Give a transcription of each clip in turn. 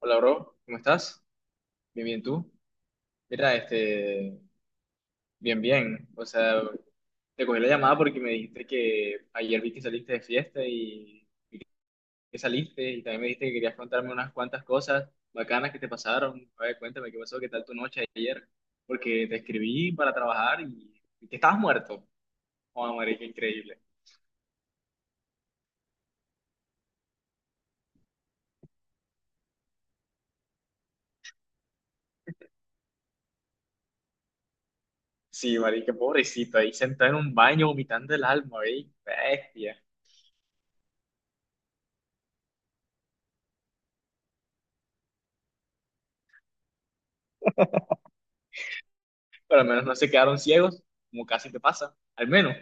Hola, bro, ¿cómo estás? Bien, bien, ¿tú? Mira, este, bien, bien. O sea, te cogí la llamada porque me dijiste que ayer vi que saliste de fiesta y que saliste y también me dijiste que querías contarme unas cuantas cosas bacanas que te pasaron. A ver, cuéntame qué pasó, qué tal tu noche ayer, porque te escribí para trabajar y que estabas muerto. Oh, marica, increíble. Sí, marica, pobrecito, ahí sentado en un baño vomitando el alma, ¿veis? Bestia. Pero al menos no se quedaron ciegos, como casi te pasa. Al menos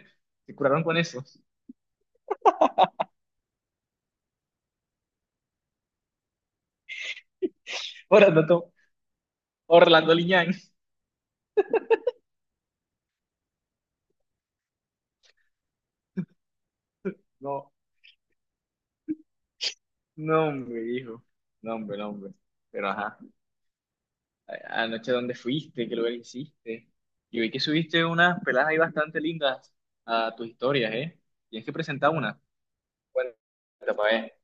se curaron con eso. Orlando, Orlando Liñán. No, no, hombre, hijo. No, hombre, no, hombre. Pero ajá, anoche dónde fuiste, qué lugar hiciste. Yo vi que subiste unas peladas ahí bastante lindas a tus historias, ¿eh? Tienes que presentar una. Bueno, pa' ver.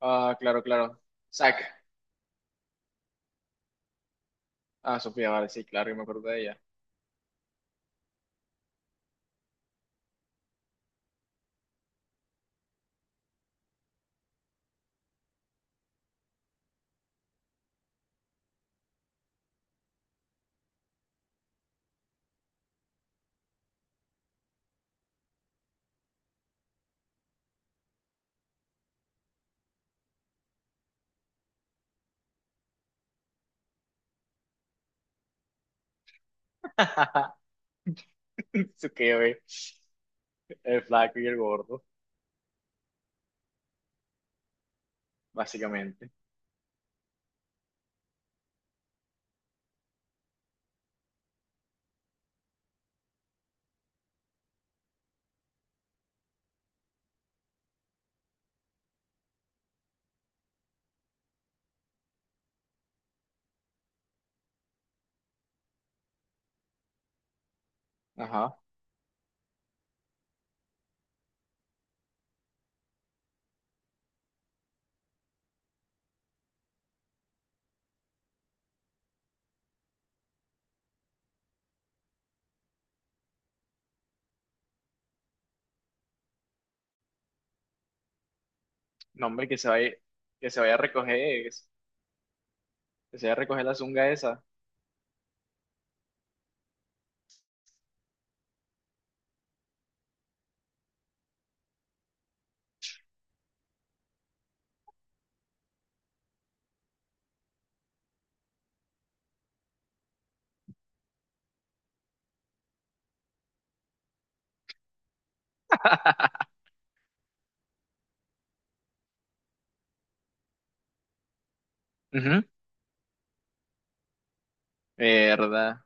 Ah, claro, claro. Sac. Ah, Sofía, vale, sí, claro, yo me acuerdo de ella. Su que, güey, el flaco y el gordo, básicamente. Ajá. No, hombre, que se vaya a recoger, que se vaya a recoger la zunga esa. Ujú. Verdad.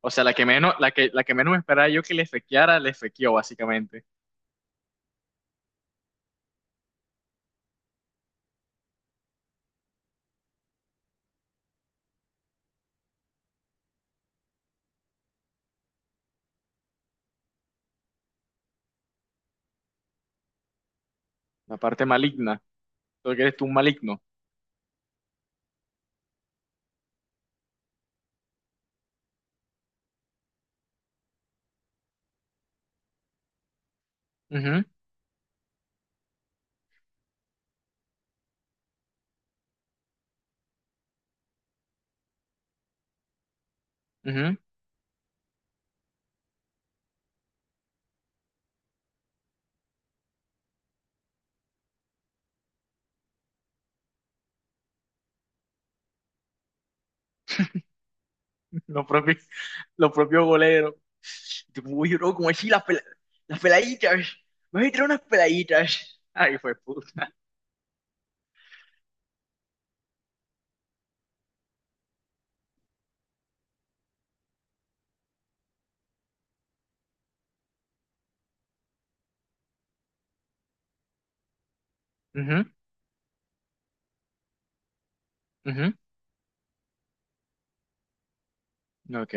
O sea, la que menos, la que menos me esperaba yo que le fequeara, le fequeó, básicamente. La parte maligna. Porque eres tú un maligno. Ujú, ujú. Los propios, los propios goleros. Tipo, uy, bro, como así las, las peladitas. Me voy a tirar unas peladitas. Ay, fue puto. Ujú, ujú. Ok.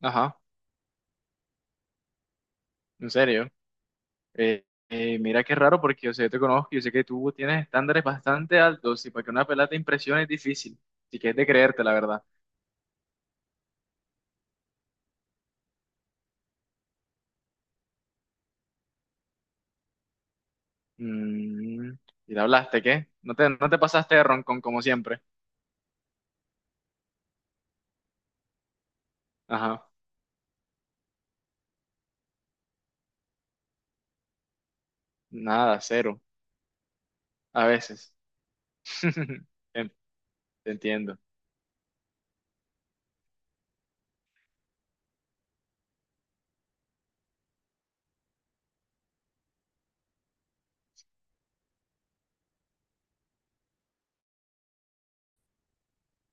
Ajá. En serio. Mira qué raro porque yo sé, yo te conozco, yo sé que tú tienes estándares bastante altos y para que una pelada te impresione es difícil. Si quieres de creerte, la verdad. Mm, ¿y te hablaste qué? No te pasaste de roncón como siempre. Ajá. Nada, cero. A veces. En- Te entiendo.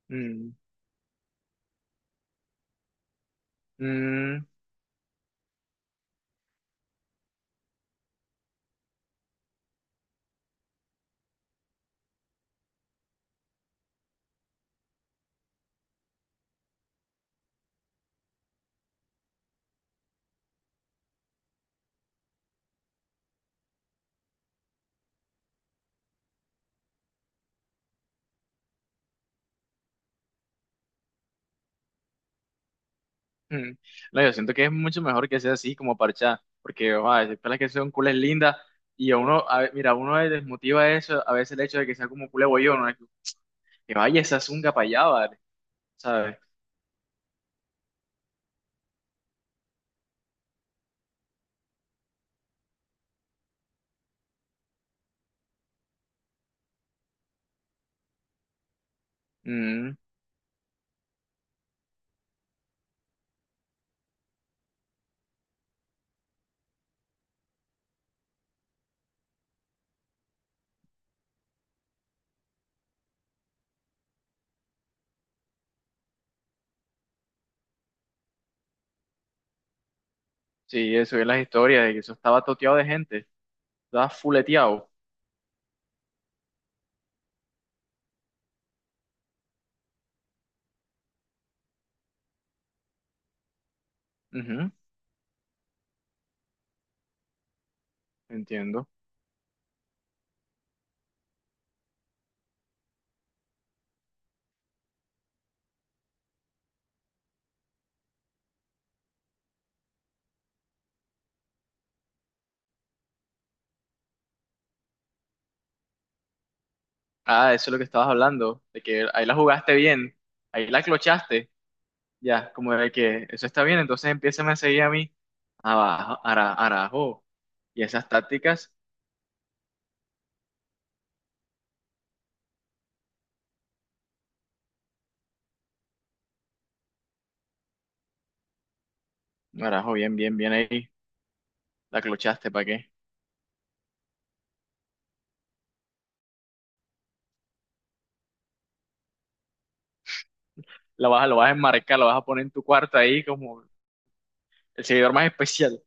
Mm, mm, mm. No, yo siento que es mucho mejor que sea así como parchada, porque, ojo, hay pelas que son cules lindas y a uno, mira, a uno le desmotiva eso, a veces el hecho de que sea como culé bollón, ¿no? Que vaya, esa es un gapayábal, ¿sabes? Mm, sí, eso es las historias, de que eso estaba toteado de gente, estaba fuleteado. Ujú, entiendo. Ah, eso es lo que estabas hablando, de que ahí la jugaste bien, ahí la clochaste, ya, como de que eso está bien, entonces empieza a seguir a mí, abajo, arajo. Y esas tácticas, arajo, bien, bien, bien ahí, la clochaste, ¿para qué? La vas, lo vas a enmarcar, lo vas a poner en tu cuarto ahí como el seguidor más especial.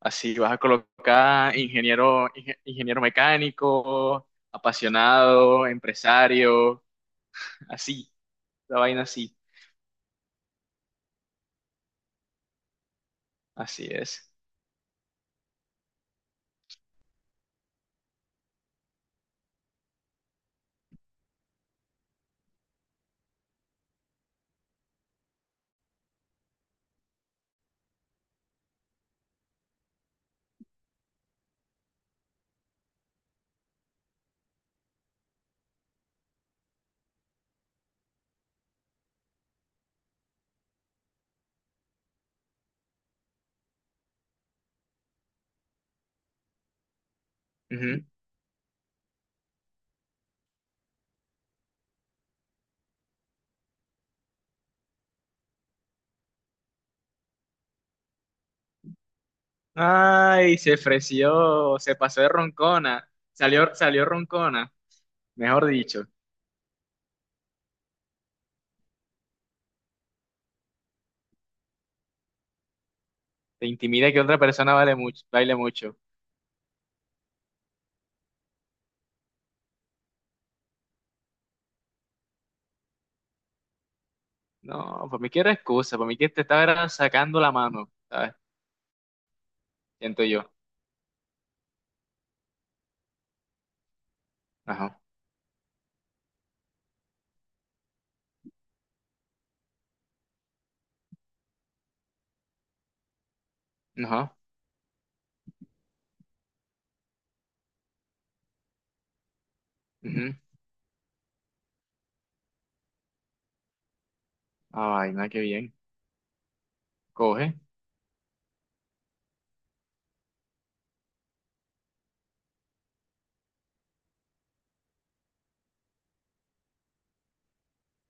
Así vas a colocar ingeniero, ingeniero mecánico, apasionado, empresario, así, la vaina así, así es. Ujú. Ay, se ofreció, se pasó de roncona, salió, salió roncona, mejor dicho, te intimida que otra persona vale mucho, baile mucho. No, por mí que era excusa, por mí que te estaba era sacando la mano, ¿sabes? Siento yo. Ajá, ajá, ujú. Ah, vaina, qué bien. Coge.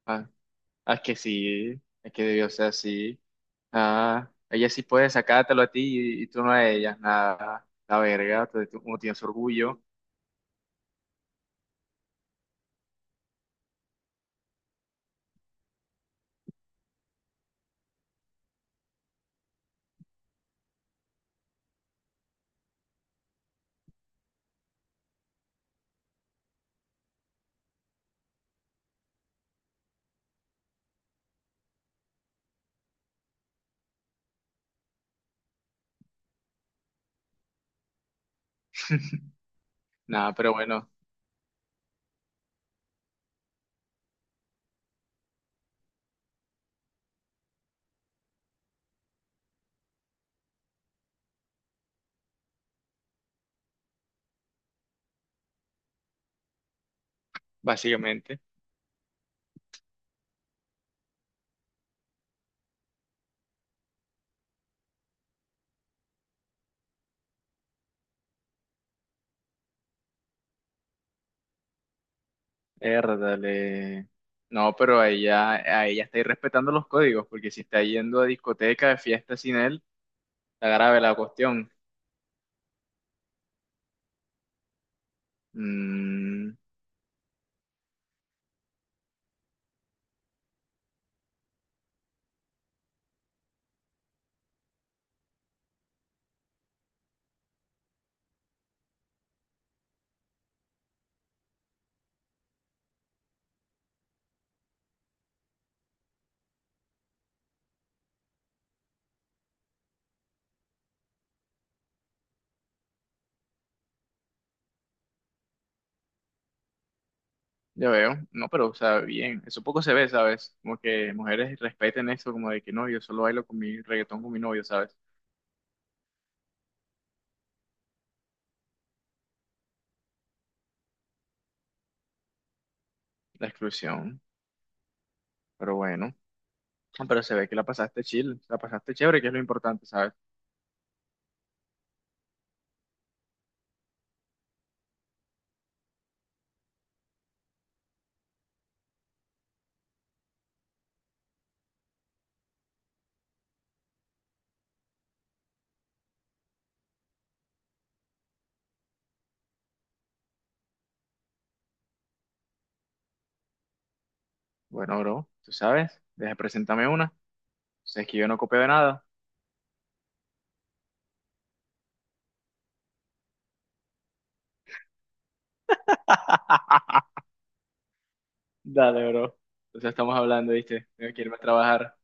ah, Ah, es que sí, es que debió ser así. Ah, ella sí puede sacártelo a ti y tú no a ella. Nada, la verga, uno tiene su orgullo. Nada, pero bueno, básicamente. Érdale. No, pero a ella está irrespetando los códigos, porque si está yendo a discoteca, de fiesta sin él, está grave la cuestión. Mm, ya veo. No, pero, o sea, bien. Eso poco se ve, ¿sabes? Como que mujeres respeten eso, como de que no, yo solo bailo con mi reggaetón con mi novio, ¿sabes? La exclusión. Pero bueno, no, pero se ve que la pasaste chill, la pasaste chévere, que es lo importante, ¿sabes? Bueno, bro, tú sabes, deja, preséntame una. Sabes que yo no copio de nada. Dale, bro. Entonces estamos hablando, ¿viste? Tengo que irme a trabajar.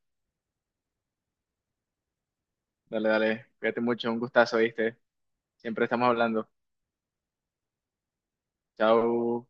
Dale, dale, cuídate mucho, un gustazo, ¿viste? Siempre estamos hablando. Chao.